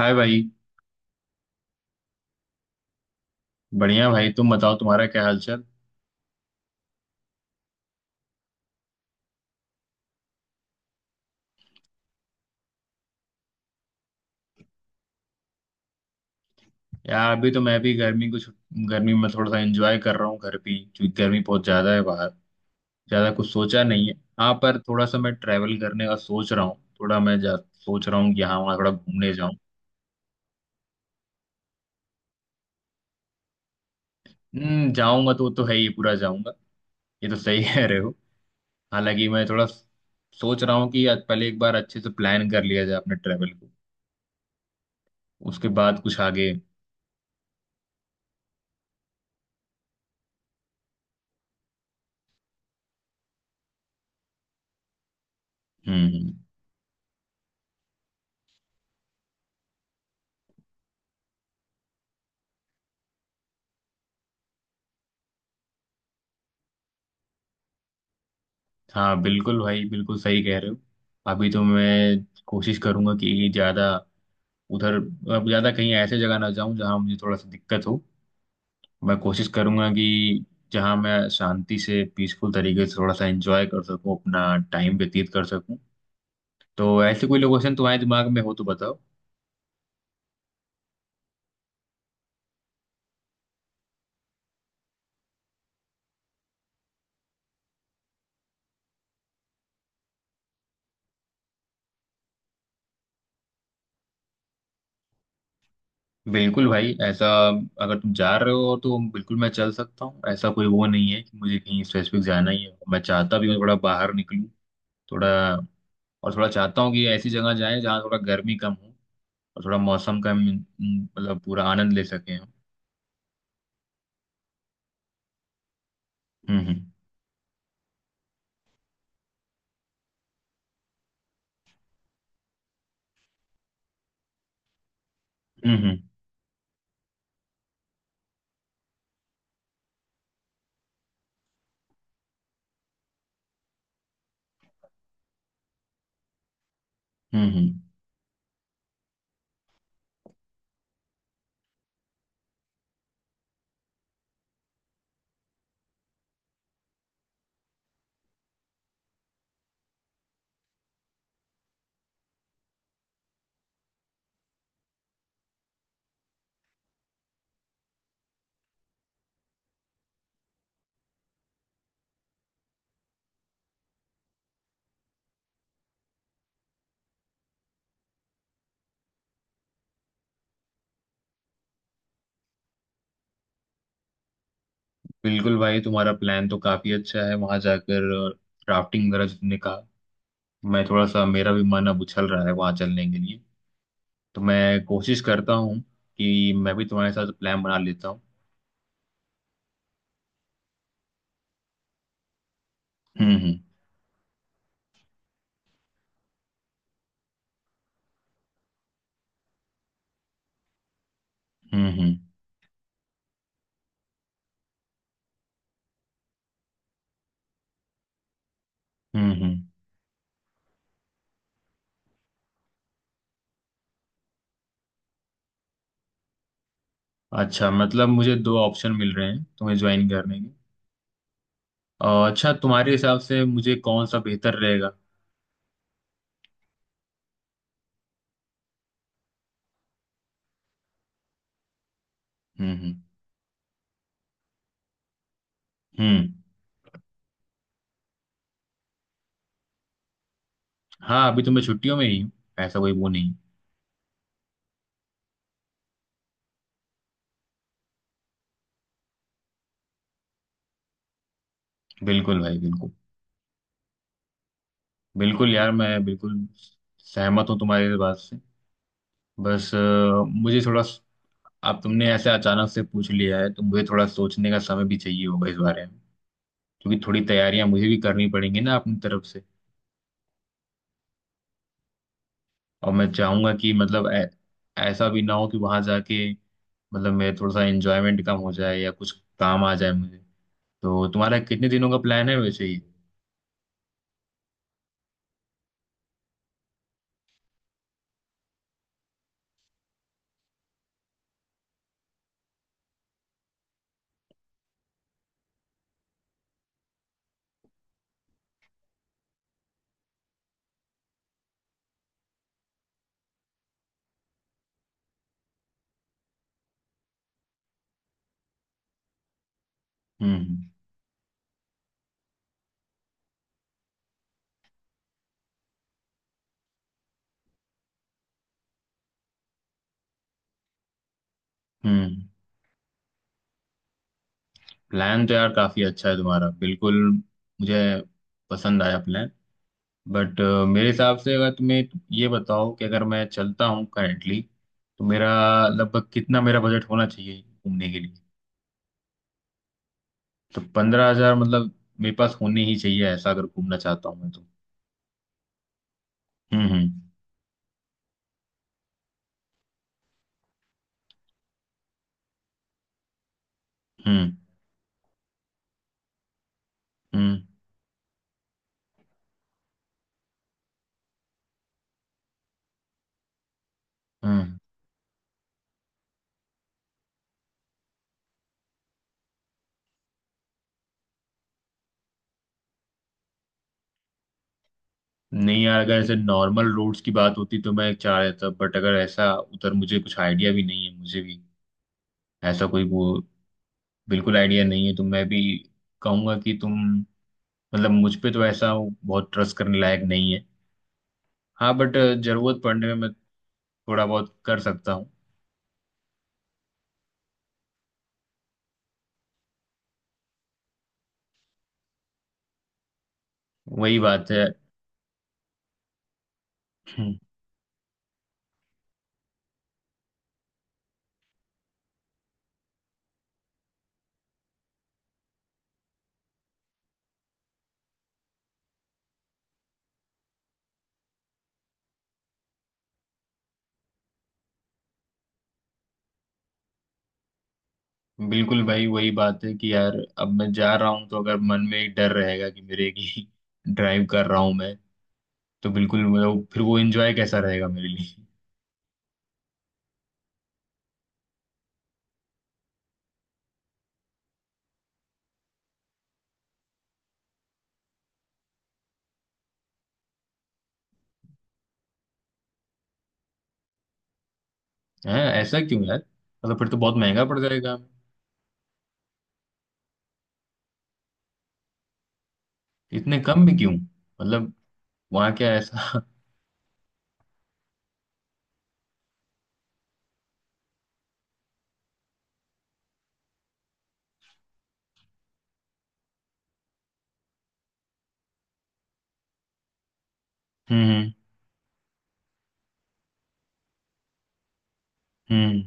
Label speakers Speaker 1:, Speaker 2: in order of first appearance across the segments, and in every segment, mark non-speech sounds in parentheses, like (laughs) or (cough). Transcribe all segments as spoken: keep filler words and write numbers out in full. Speaker 1: हाय भाई। बढ़िया भाई, तुम बताओ तुम्हारा क्या हालचाल। यार, अभी तो मैं भी गर्मी को छु- गर्मी में थोड़ा सा एंजॉय कर रहा हूँ घर पे ही, क्योंकि गर्मी बहुत ज्यादा है बाहर। ज्यादा कुछ सोचा नहीं है। हाँ, पर थोड़ा सा मैं ट्रैवल करने का सोच रहा हूँ, थोड़ा मैं जा, सोच रहा हूँ कि हाँ वहाँ थोड़ा घूमने जाऊँ। हम्म, जाऊंगा तो वो तो है ही, पूरा जाऊंगा। ये तो सही (laughs) कह रहे हो। हालांकि मैं थोड़ा सोच रहा हूँ कि आज पहले एक बार अच्छे से प्लान कर लिया जाए अपने ट्रैवल को, उसके बाद कुछ आगे। हम्म, हम्म। हाँ बिल्कुल भाई, बिल्कुल सही कह रहे हो। अभी तो मैं कोशिश करूंगा कि ज़्यादा उधर, अब ज़्यादा कहीं ऐसे जगह ना जाऊं जहां मुझे थोड़ा सा दिक्कत हो। मैं कोशिश करूंगा कि जहां मैं शांति से पीसफुल तरीके से थोड़ा सा एंजॉय कर सकूं, अपना टाइम व्यतीत कर सकूं। तो ऐसे कोई लोकेशन तुम्हारे दिमाग में हो तो बताओ। बिल्कुल भाई, ऐसा अगर तुम जा रहे हो तो बिल्कुल मैं चल सकता हूँ। ऐसा कोई वो नहीं है कि मुझे कहीं स्पेसिफिक जाना ही है। मैं चाहता भी हूँ थोड़ा बाहर निकलूँ। थोड़ा, और थोड़ा चाहता हूँ कि ऐसी जगह जाए जहाँ थोड़ा गर्मी कम हो, और थोड़ा मौसम का हम्म, मतलब पूरा आनंद ले सकें हम। हम्म, हम्म, हम्म, हम्म, हम्म। बिल्कुल भाई, तुम्हारा प्लान तो काफी अच्छा है, वहां जाकर राफ्टिंग वगैरह जितने का। मैं थोड़ा सा, मेरा भी मन अब उछल रहा है वहां चलने के लिए। तो मैं कोशिश करता हूँ कि मैं भी तुम्हारे साथ प्लान बना लेता हूँ। हम्म, हम्म, हम्म, हम्म, हम्म, हम्म। अच्छा मतलब मुझे दो ऑप्शन मिल रहे हैं तुम्हें ज्वाइन करने के। और अच्छा, तुम्हारे हिसाब से मुझे कौन सा बेहतर रहेगा? हम्म, हम्म, हम्म। हाँ, अभी तो मैं छुट्टियों में ही हूँ। ऐसा कोई वो नहीं। बिल्कुल भाई, बिल्कुल। बिल्कुल यार, मैं बिल्कुल सहमत हूँ तुम्हारी इस बात से। बस अ, मुझे थोड़ा। अब तुमने ऐसे अचानक से पूछ लिया है तो मुझे थोड़ा सोचने का समय भी चाहिए होगा इस बारे में। क्योंकि थोड़ी तैयारियां मुझे भी करनी पड़ेंगी ना अपनी तरफ से। और मैं चाहूंगा कि मतलब ऐ, ऐसा भी ना हो कि वहां जाके मतलब मेरे थोड़ा सा एंजॉयमेंट कम हो जाए या कुछ काम आ जाए मुझे। तो तुम्हारा कितने दिनों का प्लान है वैसे ही? हम्म, हम्म। प्लान तो यार काफी अच्छा है तुम्हारा, बिल्कुल मुझे पसंद आया प्लान। बट मेरे हिसाब से, अगर तुम्हें ये बताओ कि अगर मैं चलता हूँ करेंटली तो मेरा लगभग कितना मेरा बजट होना चाहिए घूमने के लिए? तो पंद्रह हजार मतलब मेरे पास होने ही चाहिए, ऐसा अगर घूमना चाहता हूँ मैं तो। हम्म, हम्म, हम्म, हम्म, हम्म। नहीं यार, अगर ऐसे नॉर्मल रोड्स की बात होती तो मैं चाह रहा था, बट अगर ऐसा उधर मुझे कुछ आइडिया भी नहीं है, मुझे भी ऐसा कोई वो बिल्कुल आइडिया नहीं है। तो मैं भी कहूंगा कि तुम, मतलब मुझ पे तो ऐसा हो, बहुत ट्रस्ट करने लायक नहीं है। हाँ बट जरूरत पड़ने में मैं थोड़ा बहुत कर सकता हूँ। वही बात है (clears throat) हम्म, बिल्कुल भाई, वही बात है कि यार अब मैं जा रहा हूँ, तो अगर मन में एक डर रहेगा कि मेरे की (laughs) ड्राइव कर रहा हूँ मैं, तो बिल्कुल मतलब फिर वो एंजॉय कैसा रहेगा मेरे लिए? (laughs) है ऐसा क्यों यार? मतलब फिर तो बहुत महंगा पड़ जाएगा। इतने कम में क्यों मतलब? वहाँ क्या ऐसा? (laughs) हम्म, हम्म, हम्म।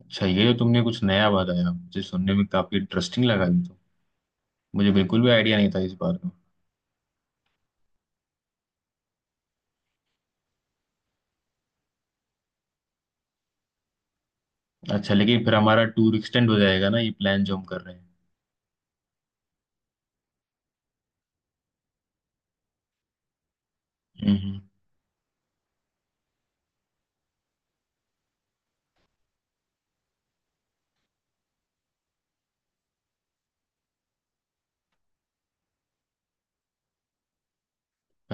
Speaker 1: अच्छा, ये जो तुमने कुछ नया बताया मुझे सुनने में काफी इंटरेस्टिंग लगा ये तो। मुझे बिल्कुल भी आइडिया नहीं था इस बारे में। अच्छा, लेकिन फिर हमारा टूर एक्सटेंड हो जाएगा ना, ये प्लान जो हम कर रहे हैं? हम्म, हम्म।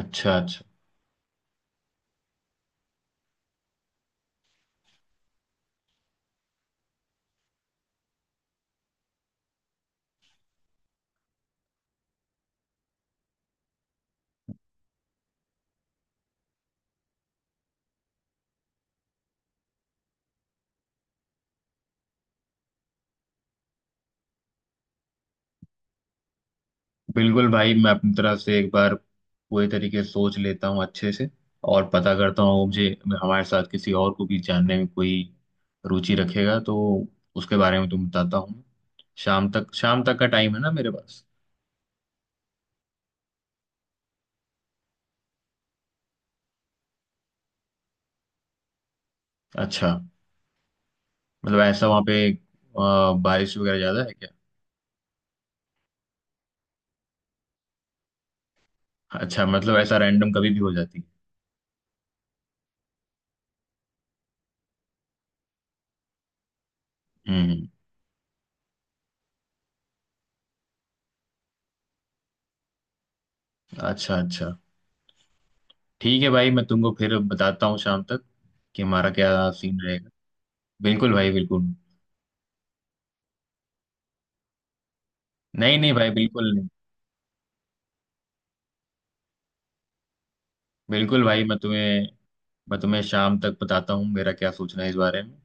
Speaker 1: अच्छा अच्छा। बिल्कुल भाई, मैं अपनी तरफ से एक बार पूरी तरीके से सोच लेता हूँ अच्छे से, और पता करता हूँ मुझे हमारे साथ किसी और को भी जानने में कोई रुचि रखेगा तो उसके बारे में तुम बताता हूँ। शाम तक, शाम तक का टाइम है ना मेरे पास। अच्छा, मतलब ऐसा वहाँ पे अ, बारिश वगैरह ज्यादा है क्या? अच्छा, मतलब ऐसा रैंडम कभी भी हो जाती है? हम्म। अच्छा अच्छा, ठीक है भाई मैं तुमको फिर बताता हूँ शाम तक कि हमारा क्या सीन रहेगा। बिल्कुल भाई, बिल्कुल। नहीं नहीं भाई, बिल्कुल नहीं। बिल्कुल भाई, मैं तुम्हें मैं तुम्हें शाम तक बताता हूँ मेरा क्या सोचना है इस बारे में।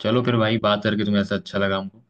Speaker 1: चलो फिर भाई, बात करके तुम्हें ऐसा अच्छा लगा हमको।